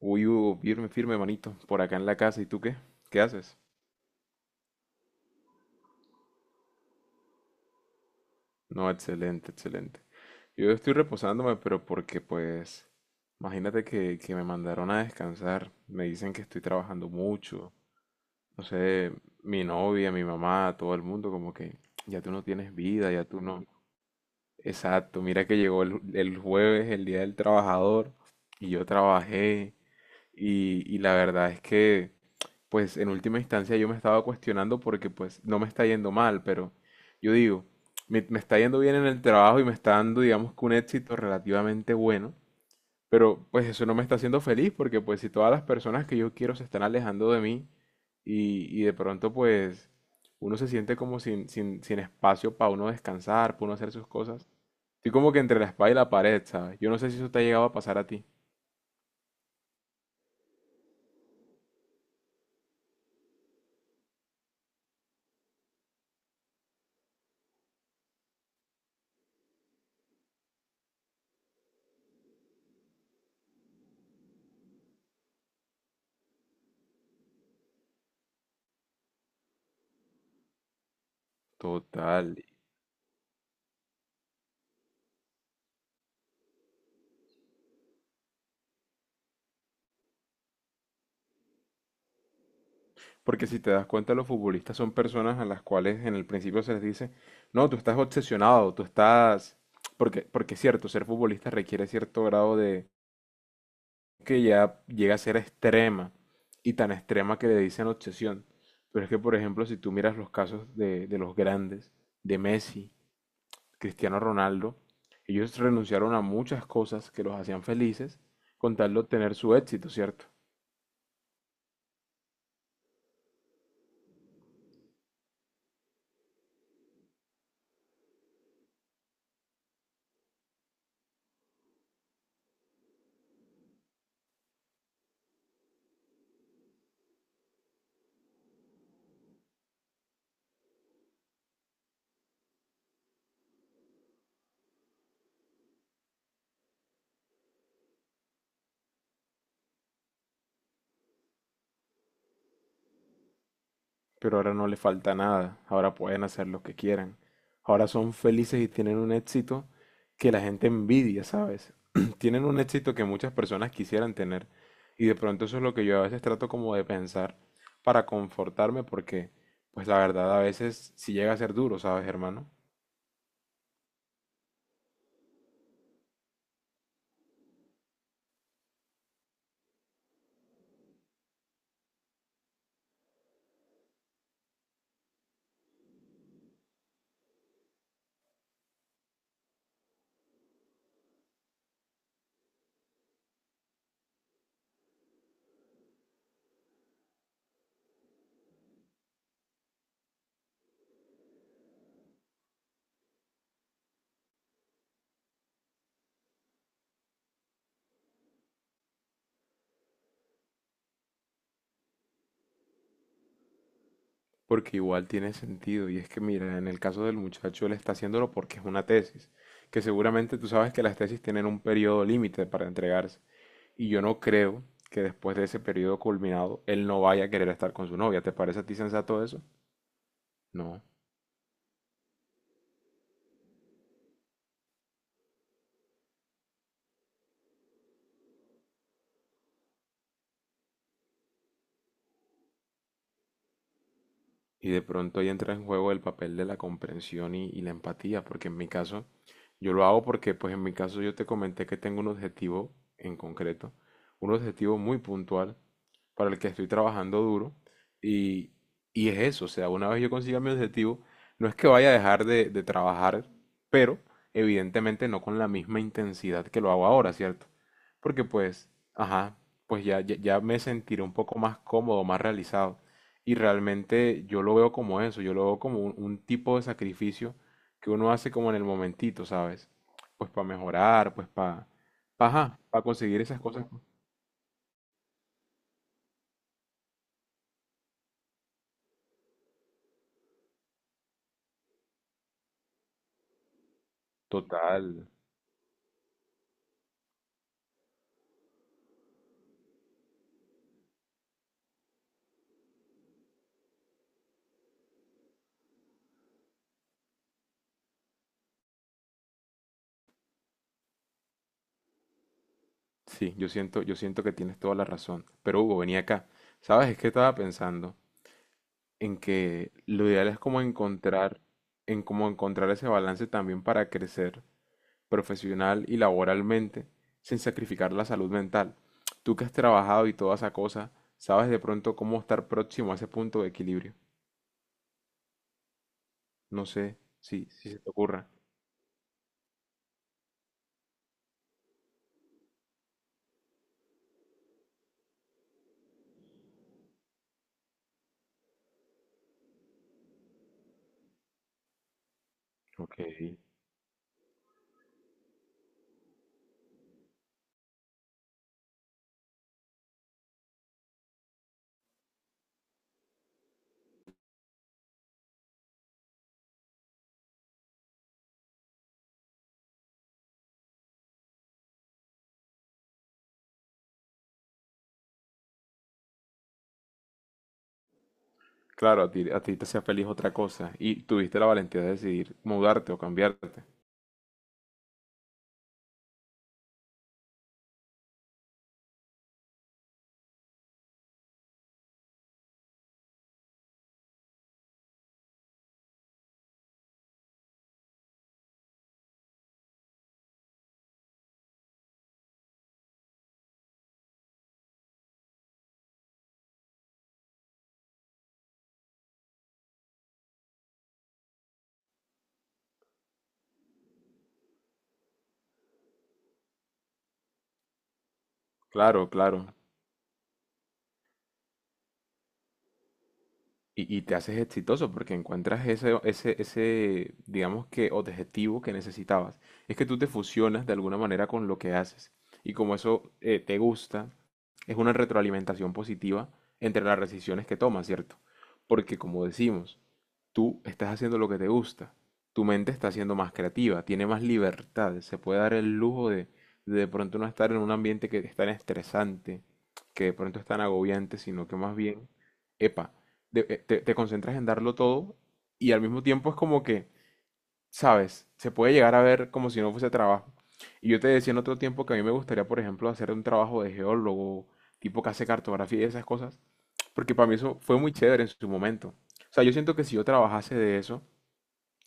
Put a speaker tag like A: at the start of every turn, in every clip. A: Uy, Hugo, firme, firme, manito, por acá en la casa. ¿Y tú qué? ¿Qué haces? No, excelente, excelente. Yo estoy reposándome, pero porque pues, imagínate que me mandaron a descansar. Me dicen que estoy trabajando mucho. No sé, mi novia, mi mamá, todo el mundo, como que ya tú no tienes vida, ya tú no. Exacto, mira que llegó el jueves, el día del trabajador, y yo trabajé, y la verdad es que pues en última instancia yo me estaba cuestionando porque pues no me está yendo mal, pero yo digo, me está yendo bien en el trabajo y me está dando, digamos, que un éxito relativamente bueno, pero pues eso no me está haciendo feliz porque pues si todas las personas que yo quiero se están alejando de mí y de pronto pues uno se siente como sin espacio para uno descansar, para uno hacer sus cosas. Estoy como que entre la espada y la pared, ¿sabes? Yo no sé si eso te ha llegado a pasar a ti. Total. Porque si te das cuenta, los futbolistas son personas a las cuales en el principio se les dice, no, tú estás obsesionado, tú estás... Porque, porque es cierto, ser futbolista requiere cierto grado de... que ya llega a ser extrema, y tan extrema que le dicen obsesión. Pero es que, por ejemplo, si tú miras los casos de los grandes, de Messi, Cristiano Ronaldo, ellos renunciaron a muchas cosas que los hacían felices con tal de obtener su éxito, ¿cierto? Pero ahora no le falta nada, ahora pueden hacer lo que quieran. Ahora son felices y tienen un éxito que la gente envidia, ¿sabes? Tienen un éxito que muchas personas quisieran tener. Y de pronto eso es lo que yo a veces trato como de pensar para confortarme porque, pues la verdad a veces sí llega a ser duro, ¿sabes, hermano? Porque igual tiene sentido. Y es que, mira, en el caso del muchacho él está haciéndolo porque es una tesis, que seguramente tú sabes que las tesis tienen un periodo límite para entregarse. Y yo no creo que después de ese periodo culminado él no vaya a querer estar con su novia. ¿Te parece a ti sensato eso? No. Y de pronto ahí entra en juego el papel de la comprensión y la empatía, porque en mi caso, yo lo hago porque, pues en mi caso yo te comenté que tengo un objetivo en concreto, un objetivo muy puntual para el que estoy trabajando duro y, y es eso, o sea, una vez yo consiga mi objetivo, no es que vaya a dejar de trabajar, pero evidentemente no con la misma intensidad que lo hago ahora, ¿cierto? Porque pues, ajá, pues ya me sentiré un poco más cómodo, más realizado. Y realmente yo lo veo como eso, yo lo veo como un tipo de sacrificio que uno hace como en el momentito, ¿sabes? Pues para mejorar, pues para, conseguir esas cosas. Total. Sí, yo siento que tienes toda la razón. Pero Hugo, venía acá. ¿Sabes? Es que estaba pensando en que lo ideal es como encontrar, en cómo encontrar ese balance también para crecer profesional y laboralmente, sin sacrificar la salud mental. Tú que has trabajado y toda esa cosa, sabes de pronto cómo estar próximo a ese punto de equilibrio. No sé si, si se te ocurra. Ok. Claro, a ti te hacía feliz otra cosa y tuviste la valentía de decidir mudarte o cambiarte. Claro, claro. Y te haces exitoso porque encuentras ese digamos que, objetivo que necesitabas. Es que tú te fusionas de alguna manera con lo que haces. Y como eso te gusta, es una retroalimentación positiva entre las decisiones que tomas, ¿cierto? Porque como decimos, tú estás haciendo lo que te gusta, tu mente está siendo más creativa, tiene más libertad, se puede dar el lujo de pronto no estar en un ambiente que es tan estresante, que de pronto es tan agobiante, sino que más bien, epa, de- te, te concentras en darlo todo y al mismo tiempo es como que sabes, se puede llegar a ver como si no fuese trabajo. Y yo te decía en otro tiempo que a mí me gustaría, por ejemplo, hacer un trabajo de geólogo, tipo que hace cartografía y esas cosas, porque para mí eso fue muy chévere en su momento. O sea, yo siento que si yo trabajase de eso,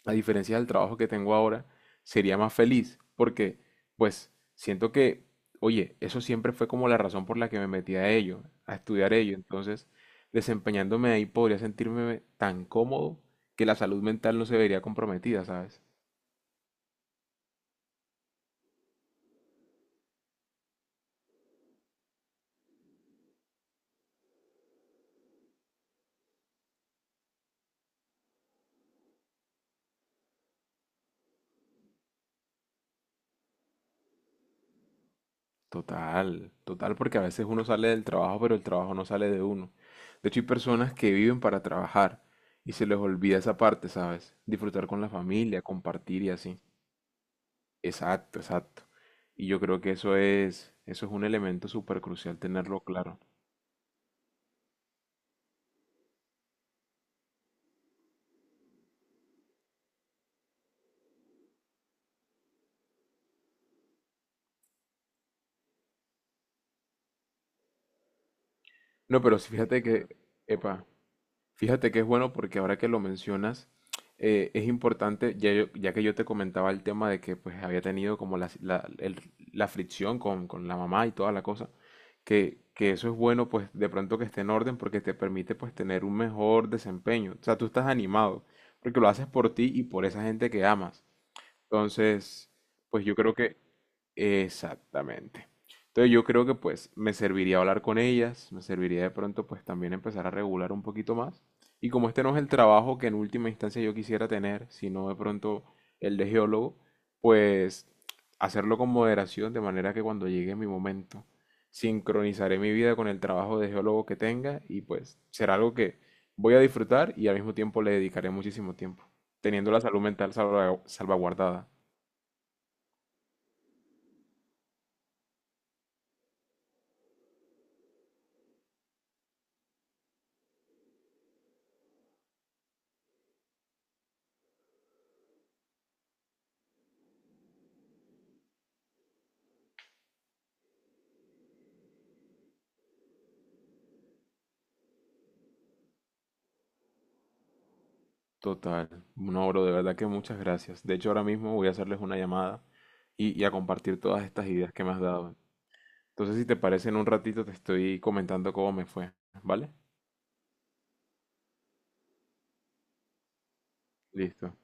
A: a diferencia del trabajo que tengo ahora, sería más feliz, porque pues siento que, oye, eso siempre fue como la razón por la que me metí a ello, a estudiar ello. Entonces, desempeñándome ahí podría sentirme tan cómodo que la salud mental no se vería comprometida, ¿sabes? Total, total, porque a veces uno sale del trabajo, pero el trabajo no sale de uno. De hecho, hay personas que viven para trabajar y se les olvida esa parte, ¿sabes? Disfrutar con la familia, compartir y así. Exacto, exacto. Y yo creo que eso es un elemento súper crucial tenerlo claro. No, pero sí, fíjate que, epa, fíjate que es bueno porque ahora que lo mencionas, es importante, ya, yo- ya que yo te comentaba el tema de que pues había tenido como la- el- la fricción con la mamá y toda la cosa, que eso es bueno pues de pronto que esté en orden porque te permite pues tener un mejor desempeño. O sea, tú estás animado porque lo haces por ti y por esa gente que amas. Entonces, pues yo creo que exactamente. Entonces yo creo que pues me serviría hablar con ellas, me serviría de pronto pues también empezar a regular un poquito más. Y como este no es el trabajo que en última instancia yo quisiera tener, sino de pronto el de geólogo, pues hacerlo con moderación de manera que cuando llegue mi momento sincronizaré mi vida con el trabajo de geólogo que tenga y pues será algo que voy a disfrutar y al mismo tiempo le dedicaré muchísimo tiempo, teniendo la salud mental salvagu- salvaguardada. Total. No, bro, de verdad que muchas gracias. De hecho, ahora mismo voy a hacerles una llamada y a compartir todas estas ideas que me has dado. Entonces, si te parece, en un ratito te estoy comentando cómo me fue, ¿vale? Listo.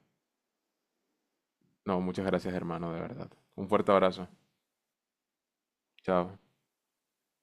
A: No, muchas gracias, hermano, de verdad. Un fuerte abrazo. Chao.